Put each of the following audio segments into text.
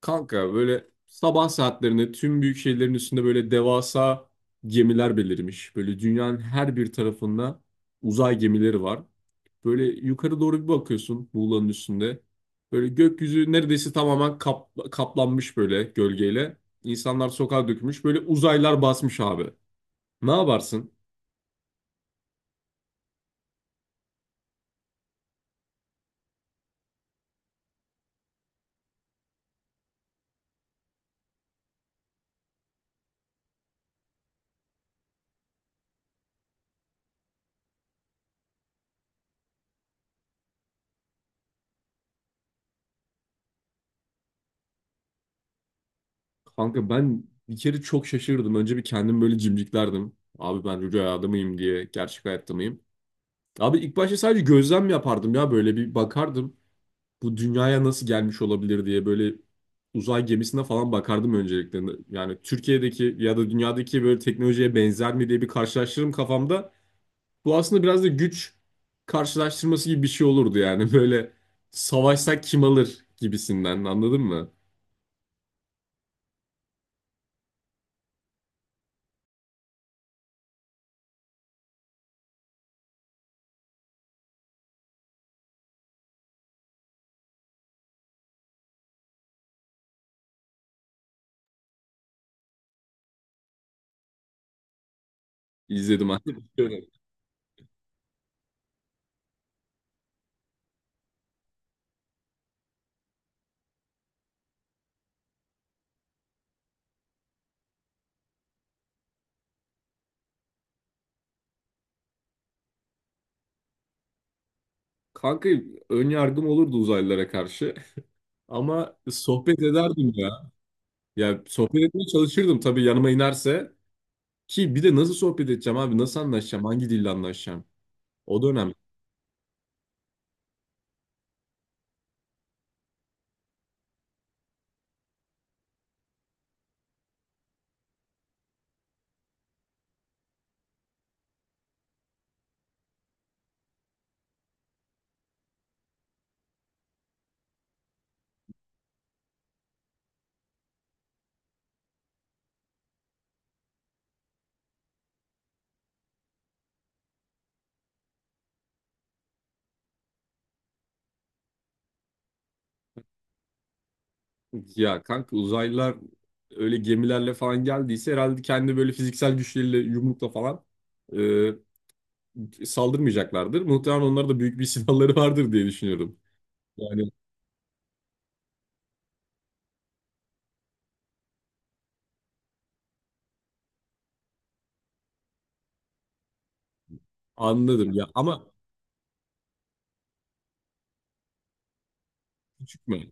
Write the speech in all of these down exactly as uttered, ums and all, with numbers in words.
Kanka böyle sabah saatlerinde tüm büyük şehirlerin üstünde böyle devasa gemiler belirmiş. Böyle dünyanın her bir tarafında uzay gemileri var. Böyle yukarı doğru bir bakıyorsun Muğla'nın üstünde. Böyle gökyüzü neredeyse tamamen kap- kaplanmış böyle gölgeyle. İnsanlar sokağa dökülmüş. Böyle uzaylar basmış abi. Ne yaparsın? Kanka ben bir kere çok şaşırdım. Önce bir kendim böyle cimciklerdim. Abi ben rüyada mıyım diye, gerçek hayatta mıyım? Abi ilk başta sadece gözlem yapardım ya böyle bir bakardım. Bu dünyaya nasıl gelmiş olabilir diye böyle uzay gemisine falan bakardım öncelikle. Yani Türkiye'deki ya da dünyadaki böyle teknolojiye benzer mi diye bir karşılaştırırım kafamda. Bu aslında biraz da güç karşılaştırması gibi bir şey olurdu yani. Böyle savaşsak kim alır gibisinden anladın mı? İzledim aslında. Kanka ön yargım olurdu uzaylılara karşı. Ama sohbet ederdim ya. Ya sohbet etmeye çalışırdım tabii yanıma inerse. Ki bir de nasıl sohbet edeceğim abi? Nasıl anlaşacağım? Hangi dille anlaşacağım? O da önemli. Ya kanka uzaylılar öyle gemilerle falan geldiyse herhalde kendi böyle fiziksel güçleriyle yumrukla falan e, saldırmayacaklardır. Muhtemelen onlarda da büyük bir silahları vardır diye düşünüyorum. Yani anladım ya ama küçük mü?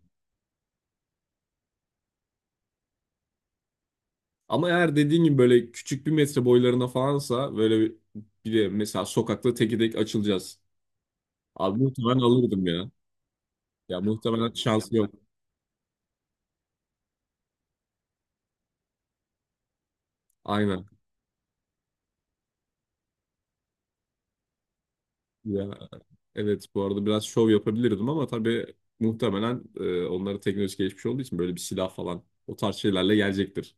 Ama eğer dediğin gibi böyle küçük bir metre boylarına falansa böyle bir, bir de mesela sokakta teke tek açılacağız. Abi muhtemelen alırdım ya. Ya muhtemelen şans yok. Aynen. Ya, evet, bu arada biraz şov yapabilirdim ama tabii muhtemelen e, onlara teknoloji gelişmiş olduğu için böyle bir silah falan o tarz şeylerle gelecektir.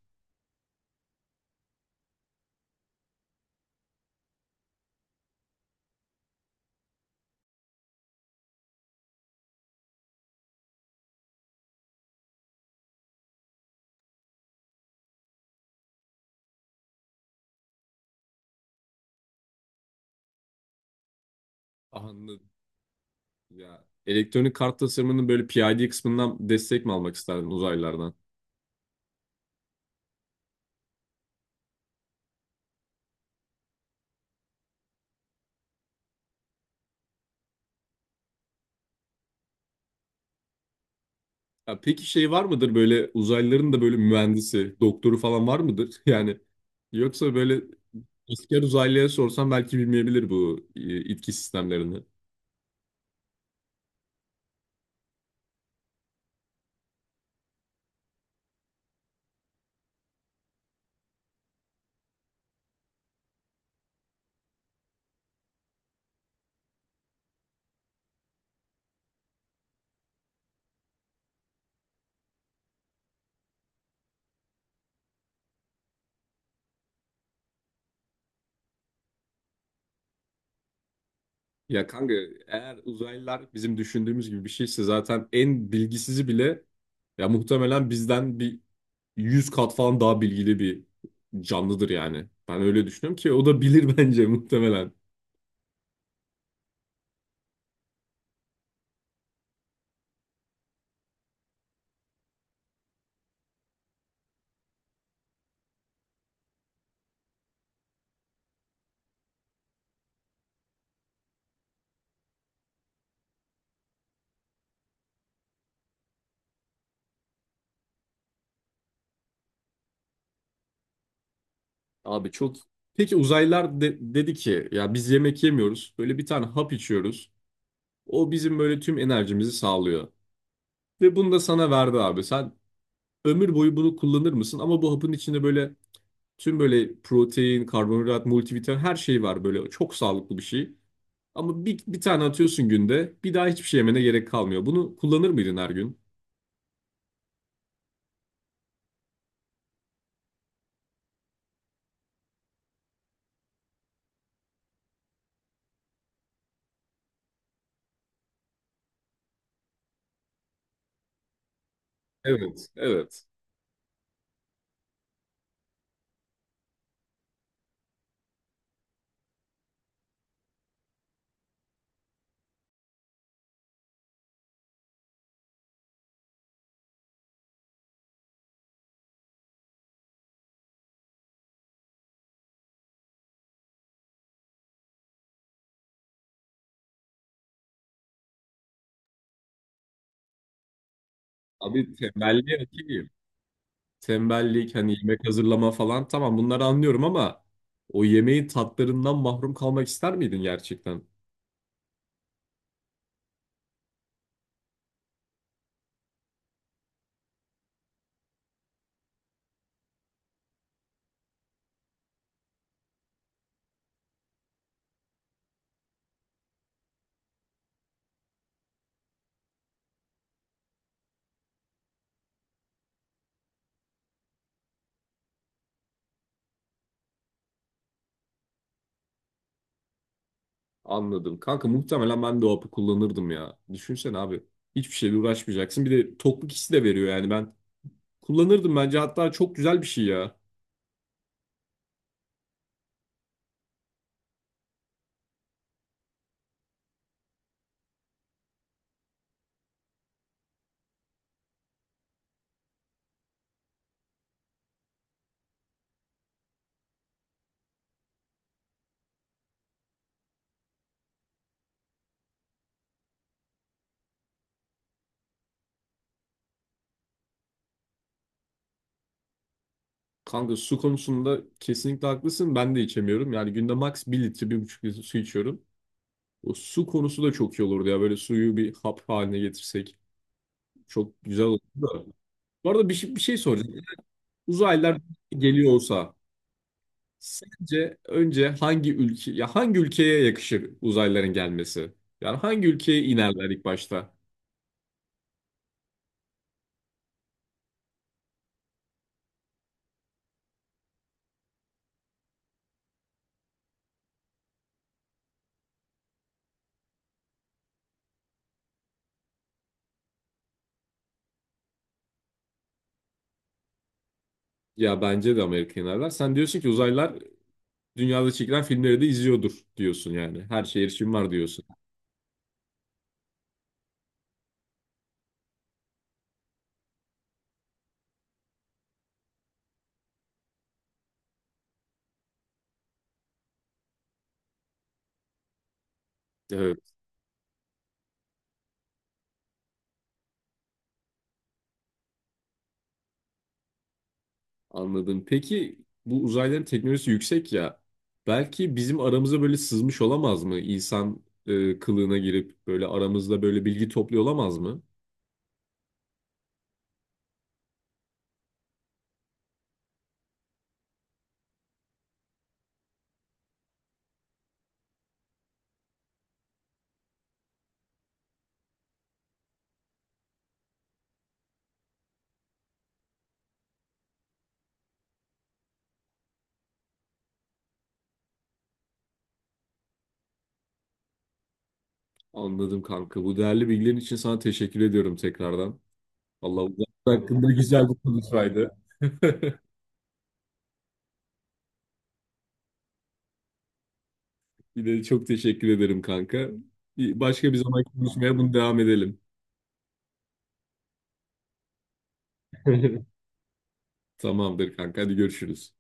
Anladım. Ya elektronik kart tasarımının böyle P İ D kısmından destek mi almak isterdin uzaylılardan? Ya peki şey var mıdır böyle uzaylıların da böyle mühendisi, doktoru falan var mıdır? Yani yoksa böyle asker uzaylıya sorsam belki bilmeyebilir bu e, itki sistemlerini. Ya kanka eğer uzaylılar bizim düşündüğümüz gibi bir şeyse zaten en bilgisizi bile ya muhtemelen bizden bir yüz kat falan daha bilgili bir canlıdır yani. Ben öyle düşünüyorum ki o da bilir bence muhtemelen. Abi çok. Peki uzaylılar de- dedi ki ya biz yemek yemiyoruz. Böyle bir tane hap içiyoruz. O bizim böyle tüm enerjimizi sağlıyor. Ve bunu da sana verdi abi. Sen ömür boyu bunu kullanır mısın? Ama bu hapın içinde böyle tüm böyle protein, karbonhidrat, multivitamin her şey var böyle. Çok sağlıklı bir şey. Ama bir, bir tane atıyorsun günde. Bir daha hiçbir şey yemene gerek kalmıyor. Bunu kullanır mıydın her gün? Evet, evet. Abi tembelliğe hakimim. Tembellik, hani yemek hazırlama falan tamam bunları anlıyorum ama o yemeğin tatlarından mahrum kalmak ister miydin gerçekten? Anladım. Kanka muhtemelen ben de o hapı kullanırdım ya. Düşünsene abi. Hiçbir şeyle uğraşmayacaksın. Bir de tokluk hissi de veriyor yani ben. Kullanırdım bence, hatta çok güzel bir şey ya. Kanka su konusunda kesinlikle haklısın. Ben de içemiyorum. Yani günde max bir litre, bir buçuk litre su içiyorum. O su konusu da çok iyi olurdu ya. Böyle suyu bir hap haline getirsek çok güzel olurdu da. Bu arada bir, şey- bir şey soracağım. Uzaylılar geliyor olsa sence önce hangi ülke ya hangi ülkeye yakışır uzaylıların gelmesi? Yani hangi ülkeye inerler ilk başta? Ya bence de Amerika inerler. Sen diyorsun ki uzaylılar dünyada çekilen filmleri de izliyordur diyorsun yani. Her şeye erişim var diyorsun. Evet. Anladım. Peki bu uzayların teknolojisi yüksek ya. Belki bizim aramıza böyle sızmış olamaz mı? İnsan e, kılığına girip böyle aramızda böyle bilgi topluyor olamaz mı? Anladım kanka. Bu değerli bilgilerin için sana teşekkür ediyorum tekrardan. Allah uzay hakkında güzel bir konuşmaydı. Bir de çok teşekkür ederim kanka. Bir- Başka bir zaman konuşmaya bunu devam edelim. Tamamdır kanka. Hadi görüşürüz.